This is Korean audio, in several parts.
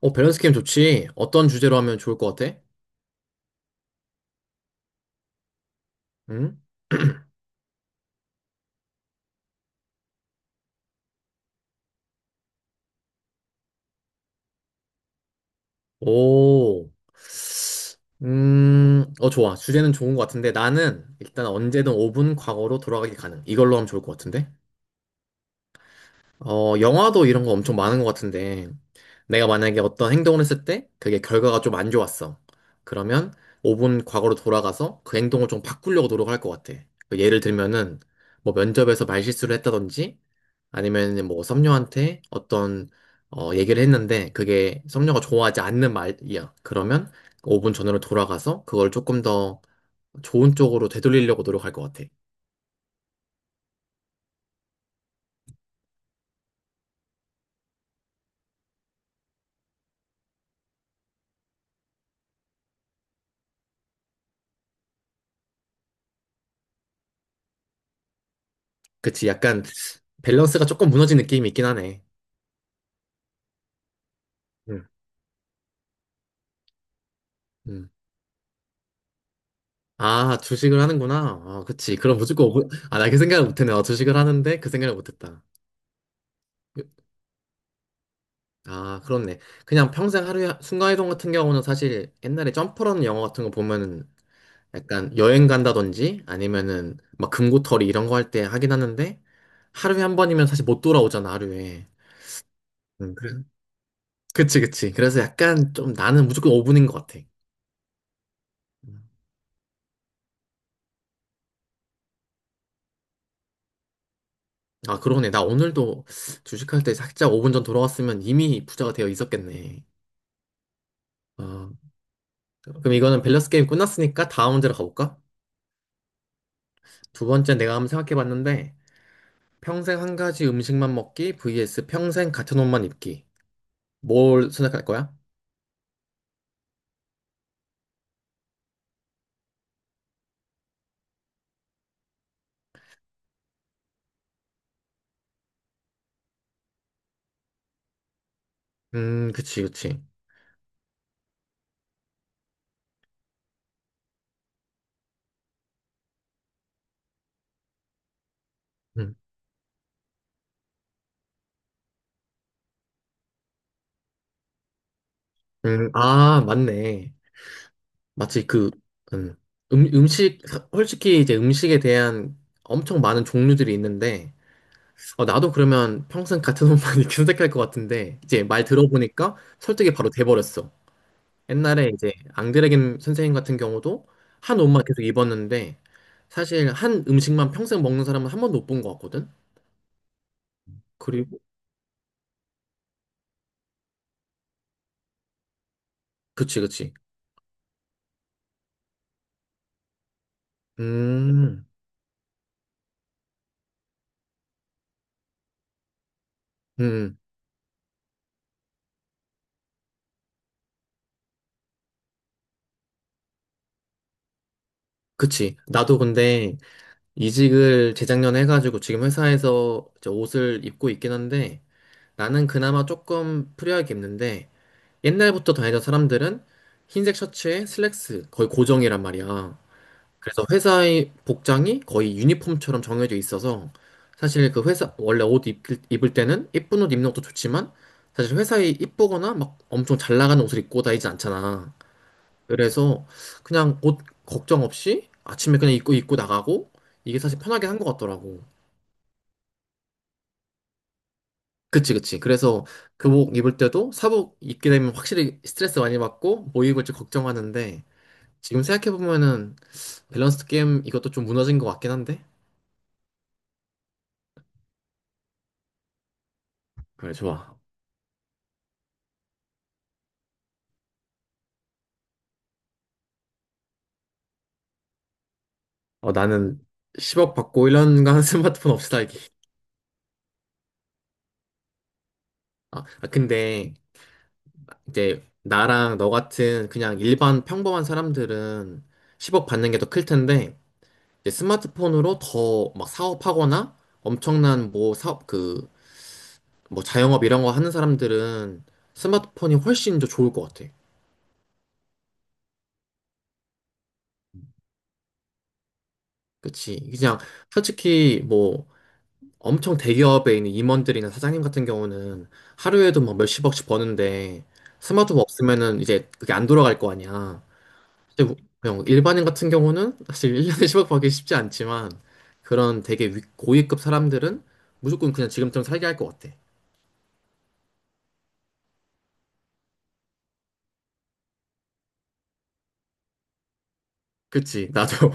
밸런스 게임 좋지. 어떤 주제로 하면 좋을 것 같아? 응? 오. 좋아. 주제는 좋은 것 같은데 나는 일단 언제든 5분 과거로 돌아가기 가능. 이걸로 하면 좋을 것 같은데? 영화도 이런 거 엄청 많은 것 같은데 내가 만약에 어떤 행동을 했을 때 그게 결과가 좀 안 좋았어. 그러면 5분 과거로 돌아가서 그 행동을 좀 바꾸려고 노력할 것 같아. 그 예를 들면은 뭐 면접에서 말실수를 했다든지 아니면 뭐 섭녀한테 어떤 얘기를 했는데 그게 섭녀가 좋아하지 않는 말이야. 그러면 5분 전으로 돌아가서 그걸 조금 더 좋은 쪽으로 되돌리려고 노력할 것 같아. 그치, 약간 밸런스가 조금 무너진 느낌이 있긴 하네. 음. 음. 아, 주식을 하는구나. 아, 그치. 그럼 무조건 5분. 아, 나 그 생각을 못했네. 주식을 하는데 그 생각을 못했다. 아, 그렇네. 그냥 평생 하루에 순간이동 같은 경우는 사실 옛날에 점프라는 영화 같은 거 보면은 약간 여행 간다든지 아니면은 막 금고털이 이런 거 할 때 하긴 하는데 하루에 한 번이면 사실 못 돌아오잖아, 하루에. 그래. 그치, 그치. 그래서 약간 좀 나는 무조건 5분인 것 같아. 음. 아, 그러네. 나 오늘도 주식할 때 살짝 5분 전 돌아왔으면 이미 부자가 되어 있었겠네. 어, 그럼 이거는 밸런스 게임 끝났으니까 다음 문제로 가볼까? 두 번째 내가 한번 생각해 봤는데 평생 한 가지 음식만 먹기 vs 평생 같은 옷만 입기. 뭘 선택할 거야? 그치, 그치. 음. 아, 맞네. 마치 그, 음, 음식, 솔직히 이제 음식에 대한 엄청 많은 종류들이 있는데, 나도 그러면 평생 같은 옷만 이렇게 선택할 것 같은데, 이제 말 들어보니까 설득이 바로 돼버렸어. 옛날에 이제 앙드레겐 선생님 같은 경우도 한 옷만 계속 입었는데, 사실 한 음식만 평생 먹는 사람은 한 번도 못 본 것 같거든? 그리고, 그치, 그치. 음, 음, 그치. 나도 근데 이직을 재작년에 해가지고 지금 회사에서 이제 옷을 입고 있긴 한데 나는 그나마 조금 프리하게 입는데 옛날부터 다니던 사람들은 흰색 셔츠에 슬랙스 거의 고정이란 말이야. 그래서 회사의 복장이 거의 유니폼처럼 정해져 있어서 사실 그 회사 원래 입을 때는 예쁜 옷 입는 것도 좋지만 사실 회사에 이쁘거나 막 엄청 잘 나가는 옷을 입고 다니진 않잖아. 그래서 그냥 옷 걱정 없이 아침에 그냥 입고 나가고 이게 사실 편하게 한 것 같더라고. 그치, 그치. 그래서 교복 입을 때도 사복 입게 되면 확실히 스트레스 많이 받고 뭐 입을지 걱정하는데 지금 생각해보면은 밸런스 게임 이것도 좀 무너진 것 같긴 한데. 그래, 좋아. 나는 10억 받고 1년간 스마트폰 없이 살기. 아, 아, 근데 이제 나랑 너 같은 그냥 일반 평범한 사람들은 10억 받는 게 더 클 텐데 이제 스마트폰으로 더 막 사업하거나 엄청난 뭐 사업 그 뭐 자영업 이런 거 하는 사람들은 스마트폰이 훨씬 더 좋을 것 같아. 그치? 그냥 솔직히 뭐 엄청 대기업에 있는 임원들이나 사장님 같은 경우는 하루에도 막 몇십억씩 버는데 스마트폰 없으면은 이제 그게 안 돌아갈 거 아니야. 근데 그냥 일반인 같은 경우는 사실 1년에 10억 받기 쉽지 않지만 그런 되게 고위급 사람들은 무조건 그냥 지금처럼 살게 할 것 같아. 그치? 나도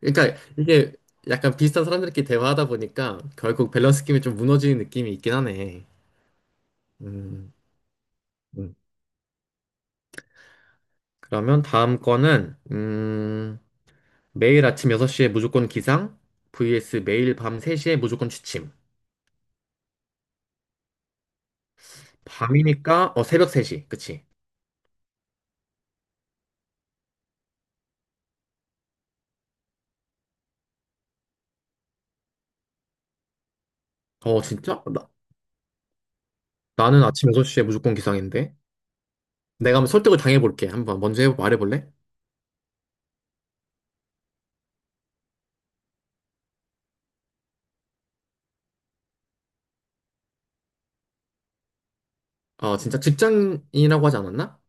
그러니까 이게 약간 비슷한 사람들끼리 대화하다 보니까 결국 밸런스 게임이 좀 무너지는 느낌이 있긴 하네. 음, 음. 그러면 다음 거는 매일 아침 6시에 무조건 기상 vs 매일 밤 3시에 무조건 취침. 밤이니까 어 새벽 3시. 그치? 어 진짜? 나는 아침 6시에 무조건 기상인데. 내가 한번 설득을 당해볼게. 말해볼래? 어 진짜 직장인이라고 하지 않았나?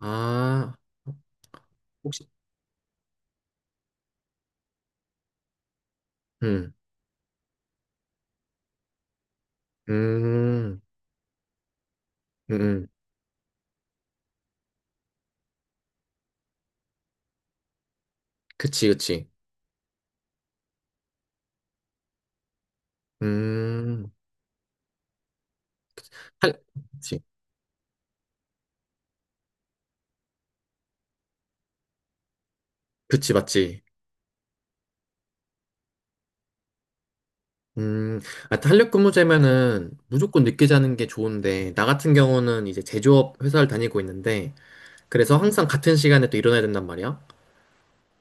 아 혹시 음, 음, 음, 음. 그치, 그치. 음, 할, 그치, 그치, 맞지. 음, 아, 탄력 근무제면은 무조건 늦게 자는 게 좋은데, 나 같은 경우는 이제 제조업 회사를 다니고 있는데, 그래서 항상 같은 시간에 또 일어나야 된단 말이야.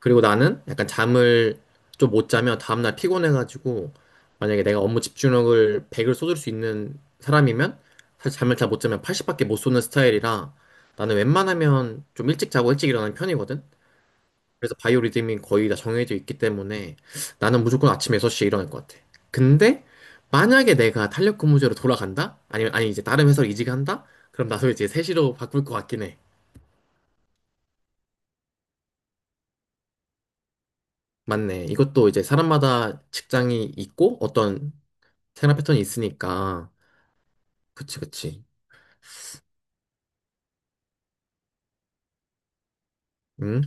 그리고 나는 약간 잠을 좀 못 자면 다음날 피곤해가지고, 만약에 내가 업무 집중력을 100을 쏟을 수 있는 사람이면, 사실 잠을 잘 못 자면 80밖에 못 쏘는 스타일이라, 나는 웬만하면 좀 일찍 자고 일찍 일어나는 편이거든. 그래서 바이오 리듬이 거의 다 정해져 있기 때문에 나는 무조건 아침 6시에 일어날 것 같아. 근데 만약에 내가 탄력 근무제로 돌아간다? 아니면 아니 이제 다른 회사로 이직한다? 그럼 나도 이제 3시로 바꿀 것 같긴 해. 맞네. 이것도 이제 사람마다 직장이 있고 어떤 생활 패턴이 있으니까. 그치, 그치. 응?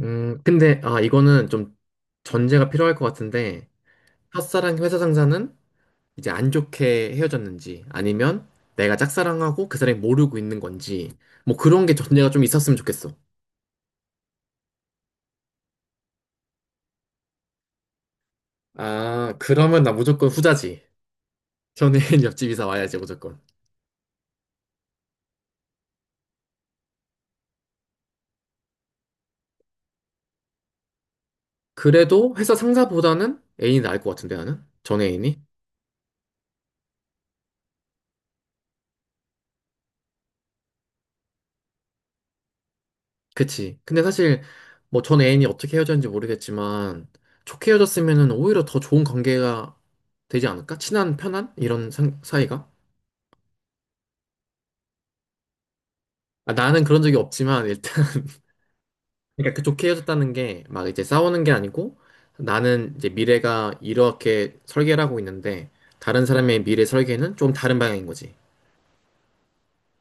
근데 아 이거는 좀 전제가 필요할 것 같은데 첫사랑 회사 상사는 이제 안 좋게 헤어졌는지 아니면 내가 짝사랑하고 그 사람이 모르고 있는 건지 뭐 그런 게 전제가 좀 있었으면 좋겠어. 아, 그러면 나 무조건 후자지. 전애인 옆집 이사 와야지 무조건. 그래도 회사 상사보다는 애인이 나을 것 같은데 나는? 전 애인이? 그치. 근데 사실 뭐 전 애인이 어떻게 헤어졌는지 모르겠지만 좋게 헤어졌으면은 오히려 더 좋은 관계가 되지 않을까? 친한, 편한? 이런 사이가? 아, 나는 그런 적이 없지만 일단 그러니까 그 좋게 헤어졌다는 게 막 이제 싸우는 게 아니고 나는 이제 미래가 이렇게 설계를 하고 있는데 다른 사람의 미래 설계는 좀 다른 방향인 거지.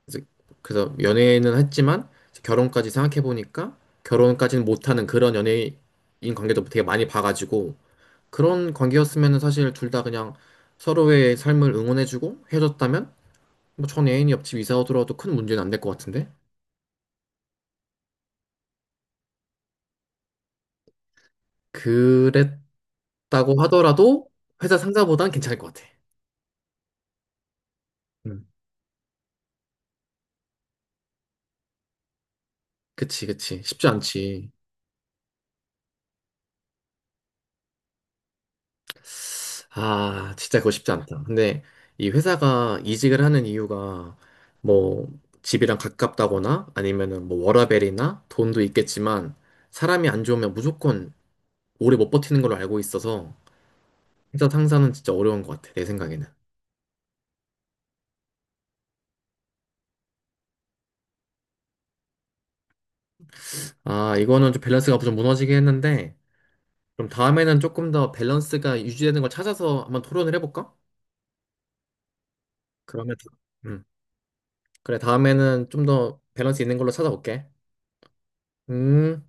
그래서, 그래서 연애는 했지만 결혼까지 생각해 보니까 결혼까지는 못하는 그런 연예인 관계도 되게 많이 봐가지고 그런 관계였으면 사실 둘 다 그냥 서로의 삶을 응원해주고 헤어졌다면 뭐 전 애인이 옆집 이사 오더라도 큰 문제는 안 될 것 같은데 그랬다고 하더라도 회사 상사보단 괜찮을 것 같아. 그치, 그치. 쉽지 않지. 아, 진짜 그거 쉽지 않다. 근데 이 회사가 이직을 하는 이유가 뭐 집이랑 가깝다거나 아니면은 뭐 워라밸이나 돈도 있겠지만 사람이 안 좋으면 무조건 오래 못 버티는 걸로 알고 있어서 회사 상사는 진짜 어려운 것 같아, 내 생각에는. 아, 이거는 좀 밸런스가 좀 무너지긴 했는데 그럼 다음에는 조금 더 밸런스가 유지되는 걸 찾아서 한번 토론을 해볼까? 그러면, 음. 그래, 다음에는 좀 더 밸런스 있는 걸로 찾아올게. 음.